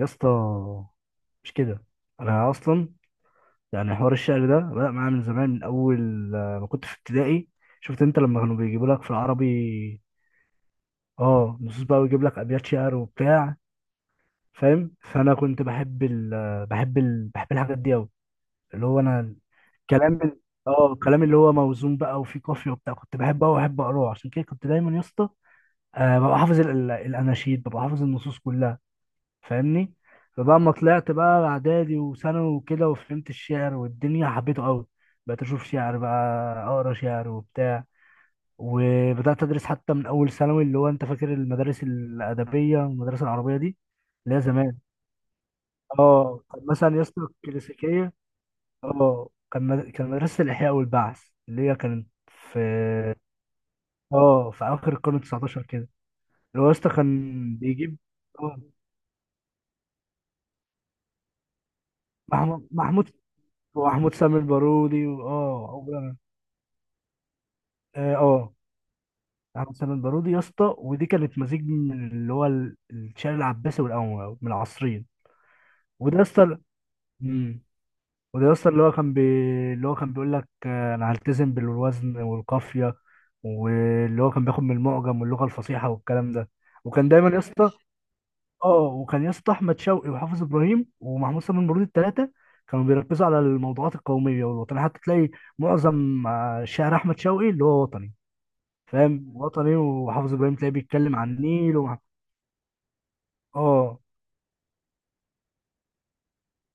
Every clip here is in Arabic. يا اسطى، مش كده. انا اصلا يعني حوار الشعر ده بدأ معايا من زمان، من اول ما كنت في ابتدائي. شفت انت لما كانوا بيجيبوا لك في العربي؟ اه، نصوص بقى، ويجيب لك ابيات شعر وبتاع، فاهم؟ فانا كنت بحب ال آه، بحب ال بحب الحاجات دي قوي، اللي هو انا الكلام ال- اه الكلام اللي هو موزون بقى وفيه قافيه وبتاع، كنت بحبه قوي واحب اقراه. عشان كده كنت دايما يا اسطى ببقى حافظ الاناشيد، ببقى حافظ النصوص كلها. فاهمني؟ فبقى ما طلعت بقى اعدادي وثانوي وكده، وفهمت الشعر والدنيا حبيته قوي. بقيت اشوف شعر بقى، اقرا شعر وبتاع. وبدات ادرس حتى من اول ثانوي. اللي هو انت فاكر المدارس الادبيه والمدارس العربيه دي، اللي هي زمان؟ اه كان مثلا يا اسطى الكلاسيكيه، اه كان مدرسه الاحياء والبعث، اللي هي كانت في، اه في اخر القرن ال 19 كده. اللي هو يا اسطى كان بيجيب اه محمود، ومحمود سامي البارودي، واه اه آه، احمد سامي البارودي يا اسطى. ودي كانت مزيج من اللي هو الشعر العباسي والقومي من العصرين. وده يا اسطى، امم وده يا اسطى اللي هو كان بيقول لك: انا هلتزم بالوزن والقافيه، واللي هو كان بياخد من المعجم واللغه الفصيحه والكلام ده. وكان دايما يا اسطى اه وكان يا اسطى احمد شوقي وحافظ ابراهيم ومحمود سامي البارودي الثلاثه كانوا بيركزوا على الموضوعات القوميه والوطنيه، حتى تلاقي معظم شعر احمد شوقي اللي هو وطني، فاهم؟ وطني. وحافظ ابراهيم تلاقيه بيتكلم عن النيل ومع... اه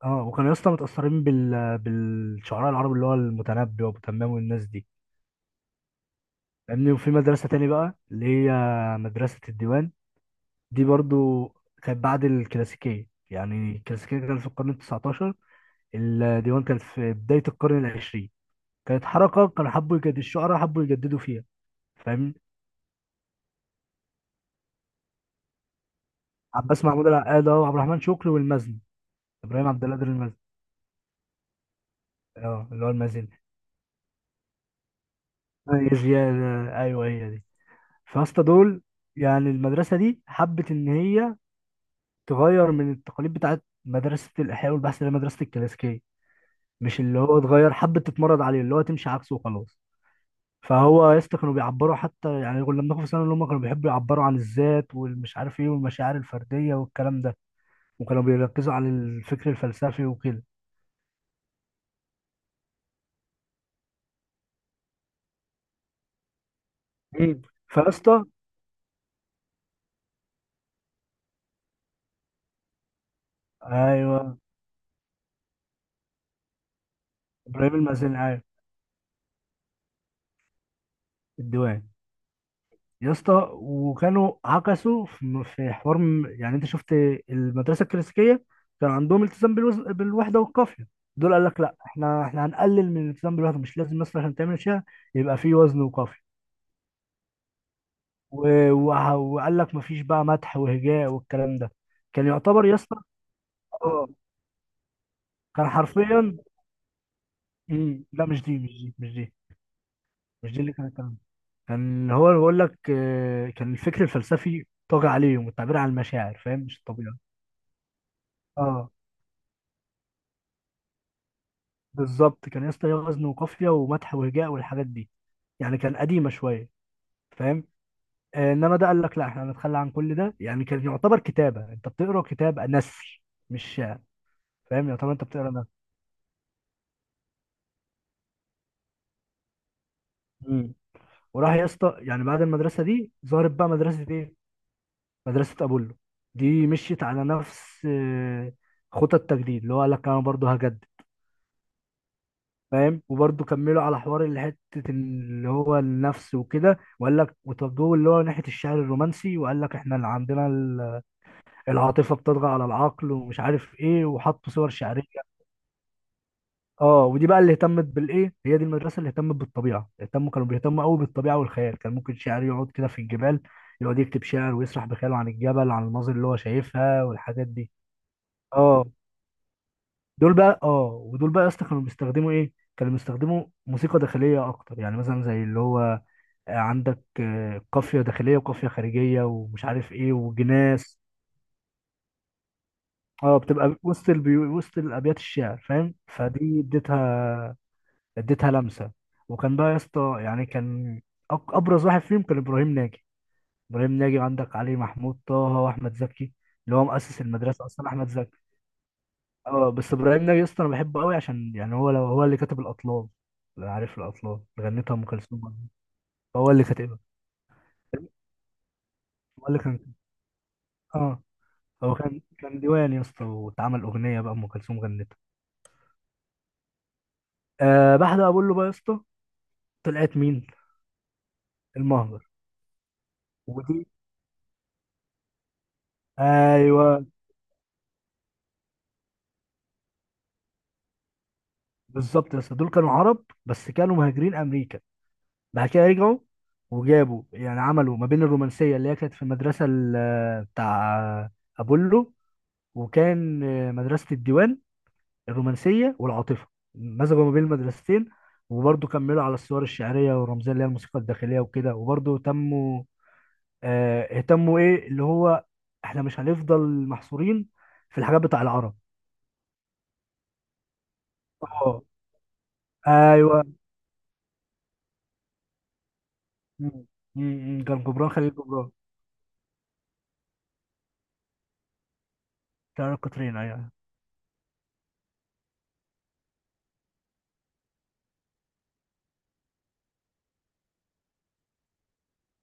اه وكانوا يا اسطى متأثرين بالشعراء العرب، اللي هو المتنبي وابو تمام والناس دي، فاهمني؟ وفي مدرسة تاني بقى، اللي هي مدرسة الديوان. دي برضو كانت بعد الكلاسيكية. يعني الكلاسيكية كانت في القرن التسعتاشر، الديوان كانت في بداية القرن العشرين. كانت حركة، كانوا حبوا يجددوا، الشعراء حبوا يجددوا فيها، فاهمني؟ عباس محمود العقاد وعبد الرحمن شكري والمزني، ابراهيم عبد القادر المزني. اه اللي هو المزني. هي زيادة، أيوه هي دي. فاسطى دول، يعني المدرسة دي حبت إن هي تغير من التقاليد بتاعت مدرسة الإحياء والبحث، اللي هي مدرسة الكلاسيكية. مش اللي هو اتغير، حبت تتمرد عليه، اللي هو تمشي عكسه وخلاص. فهو يا اسطى كانوا بيعبروا، حتى يعني كنا بناخد في ثانوي اللي هم كانوا بيحبوا يعبروا عن الذات والمش عارف ايه والمشاعر الفردية والكلام ده. وكانوا بيركزوا على الفكر الفلسفي وكده. مين؟ فيا اسطى، ايوه. ابراهيم المازني، ايوه. الديوان. يا اسطى وكانوا عكسوا في حوار يعني انت شفت المدرسه الكلاسيكيه، كان عندهم التزام بالوحده والقافيه. دول قال لك: لا، احنا هنقلل من الالتزام بالوحده، مش لازم مثلا عشان تعمل شيء يبقى فيه وزن وقافيه. و... وقال لك مفيش بقى مدح وهجاء والكلام ده. كان يعتبر يا اسطى، اه كان حرفيا لا، مش دي، مش دي، مش دي. مش دي اللي كان الكلام ده. كان هو بيقول لك: كان الفكر الفلسفي طاغي عليهم والتعبير عن المشاعر، فاهم؟ مش الطبيعي. اه، بالظبط. كان يا اسطى ليه وزن وقافيه ومدح وهجاء والحاجات دي، يعني كان قديمه شويه، فاهم؟ انما ده قال لك: لا، احنا هنتخلى عن كل ده. يعني كان يعتبر كتابه، انت بتقرا كتاب نثر مش شعر، فاهم؟ يعتبر انت بتقرا نثر. مم. وراح يا اسطى يعني بعد المدرسه دي ظهرت بقى مدرسه ايه؟ مدرسه ابولو. دي مشيت على نفس خطى التجديد، اللي هو قال لك: انا برضه هجدد، فاهم؟ وبرضه كملوا على حوار اللي حته، اللي هو النفس وكده، وقال لك وتوجهوا اللي هو ناحيه الشعر الرومانسي، وقال لك: احنا اللي عندنا العاطفه بتطغى على العقل ومش عارف ايه، وحطوا صور شعريه. اه ودي بقى اللي اهتمت بالايه، هي دي المدرسه اللي اهتمت بالطبيعه، كانوا بيهتموا قوي بالطبيعه والخيال. كان ممكن شاعر يقعد كده في الجبال، يقعد يكتب شعر ويسرح بخياله عن الجبل، عن المناظر اللي هو شايفها والحاجات دي. اه دول بقى اه ودول بقى يا اسطى كانوا بيستخدموا ايه؟ كانوا بيستخدموا موسيقى داخليه اكتر، يعني مثلا زي اللي هو عندك قافية داخلية وقافية خارجية ومش عارف ايه وجناس. اه، بتبقى وسط وسط الابيات الشعر، فاهم؟ فدي اديتها، اديتها لمسة. وكان بقى يا اسطى، يعني كان ابرز واحد فيهم كان ابراهيم ناجي. ابراهيم ناجي، وعندك علي محمود طه واحمد زكي، اللي هو مؤسس المدرسة اصلا احمد زكي. اه، بس ابراهيم ناجي يا اسطى انا بحبه قوي، عشان يعني هو، لو هو اللي كاتب الاطلال. لو عارف الاطلال اللي غنتها ام كلثوم. هو اللي كاتبها. هو اللي كان اه هو كان، ديوان يا اسطى، واتعمل اغنيه بقى، ام كلثوم غنتها. بعد ما بقول له بقى يا اسطى، طلعت مين؟ المهجر. ودي، ايوه. بالظبط يا اسطى، دول كانوا عرب بس كانوا مهاجرين امريكا، بعد كده رجعوا. وجابوا يعني عملوا ما بين الرومانسيه اللي هي كانت في المدرسه بتاع ابولو، وكان مدرسه الديوان، الرومانسيه والعاطفه. مزجوا ما بين المدرستين، وبرضه كملوا على الصور الشعريه والرمزيه، اللي هي الموسيقى الداخليه وكده. وبرضه تموا آه، اهتموا ايه، اللي هو: احنا مش هنفضل محصورين في الحاجات بتاع العرب. اه ايوه. مم. مم. كان جبران خليل جبران، بتاع القطرين ايوه.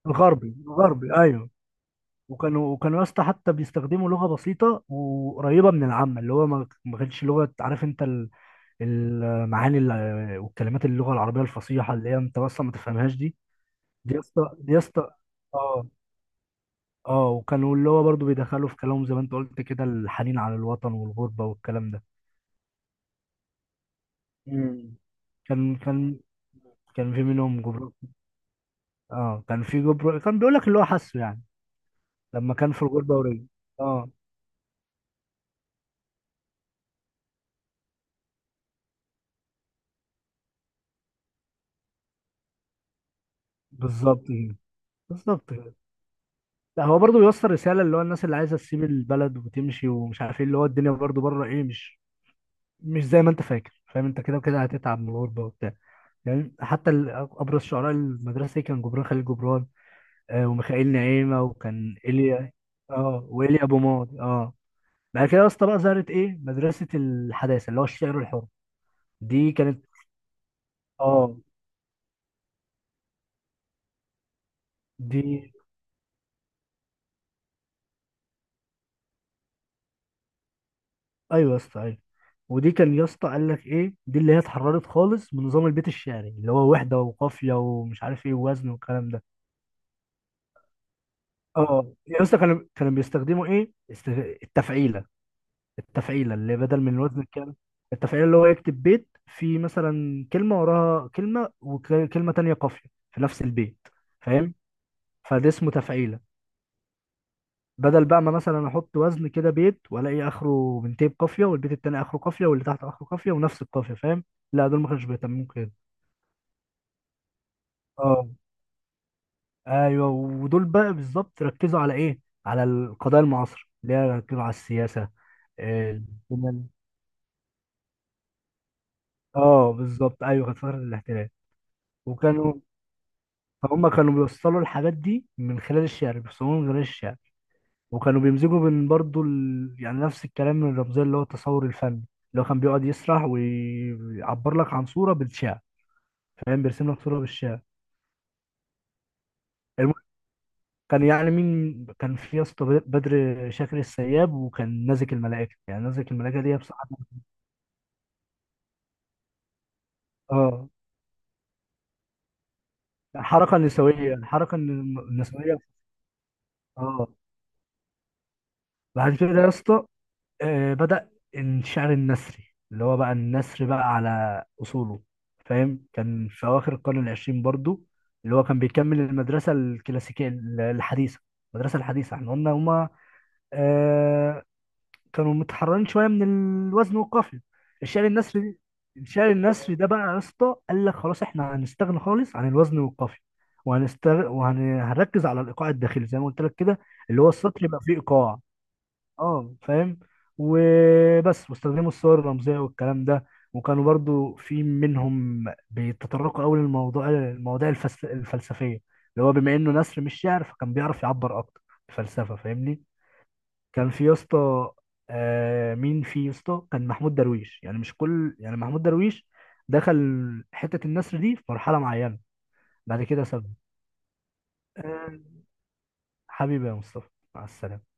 الغربي، الغربي ايوه. وكانوا يا اسطى حتى بيستخدموا لغه بسيطه وقريبه من العامه، اللي هو ما كانتش لغه، عارف انت المعاني والكلمات اللغه العربيه الفصيحه اللي هي انت اصلا ما تفهمهاش دي. دي يا اسطى، اه اه وكانوا اللي هو برضو بيدخلوا في كلامهم زي ما انت قلت كده: الحنين على الوطن والغربة والكلام ده. مم. كان كان كان في منهم جبران. اه كان في جبران كان بيقول لك اللي هو حاسه، يعني لما كان في الغربة ورجع. اه، بالظبط كده. بالظبط كده. لا، هو برضو بيوصل رسالة، اللي هو الناس اللي عايزة تسيب البلد وتمشي ومش عارف ايه، اللي هو الدنيا برضو بره ايه، مش زي ما انت فاكر، فاهم؟ انت كده وكده هتتعب من الغربة وبتاع. يعني حتى ابرز شعراء المدرسة دي كان جبران خليل جبران، وميخائيل نعيمة، وكان إيليا. اه وإيليا أبو ماضي. اه بعد كده يا اسطى بقى ظهرت ايه؟ مدرسة الحداثة، اللي هو الشعر الحر. دي كانت، اه، دي، ايوه يا اسطى، ايوه. ودي كان يا اسطى قال لك ايه: دي اللي هي اتحررت خالص من نظام البيت الشعري، اللي هو وحدة وقافية ومش عارف ايه ووزن والكلام ده. اه، يا اسطى كانوا بيستخدموا ايه؟ التفعيلة. التفعيلة اللي بدل من وزن الكلمة. التفعيلة اللي هو يكتب بيت، في مثلا كلمة وراها كلمة وكلمة تانية قافية في نفس البيت، فاهم؟ فده اسمه تفعيلة. بدل بقى ما مثلا احط وزن كده، بيت والاقي اخره بنتين قافية، والبيت التاني اخره قافية، واللي تحت اخره قافية، ونفس القافية، فاهم؟ لا، دول ما كانوش بيهتموا كده. اه ايوه. ودول بقى بالظبط ركزوا على ايه؟ على القضايا المعاصرة اللي هي ركزوا على السياسة. آه، الدنيا- اه بالظبط، ايوه. كانت فترة الاحتلال، وكانوا فهم كانوا بيوصلوا الحاجات دي من خلال الشعر، بيوصلوها من خلال الشعر. وكانوا بيمزجوا بين برضو يعني نفس الكلام من الرمزية، اللي هو التصور الفني، اللي هو كان بيقعد يسرح ويعبر لك عن صورة بالشعر، فاهم؟ بيرسم لك صورة بالشعر. الم... كان يعني مين كان في يا اسطى؟ بدر شاكر السياب، وكان نازك الملائكة. يعني نازك الملائكة دي بصراحة، اه، حركة نسوية الحركة النسوية. اه بعد كده يا اسطى بدأ الشعر النثري، اللي هو بقى النثر بقى على أصوله، فاهم؟ كان في أواخر القرن العشرين برضو، اللي هو كان بيكمل المدرسة الكلاسيكية الحديثة. المدرسة الحديثة احنا قلنا هما آه كانوا متحررين شوية من الوزن والقافية. الشعر النثري الشعر النثري ده بقى يا اسطى قال لك: خلاص احنا هنستغنى خالص عن الوزن والقافية، وهنركز على الإيقاع الداخلي زي ما قلت لك كده، اللي هو السطر يبقى فيه إيقاع. اه فاهم؟ وبس. واستخدموا الصور الرمزيه والكلام ده، وكانوا برضو في منهم بيتطرقوا قوي المواضيع الفلسفيه، اللي هو بما انه نثر مش شعر فكان بيعرف يعبر اكتر بفلسفه، فاهمني؟ كان في يا اسطى آه مين في يا اسطى؟ كان محمود درويش. يعني مش كل يعني محمود درويش دخل حته النثر دي في مرحله معينه، بعد كده سابها. آه حبيبي يا مصطفى، مع السلامه.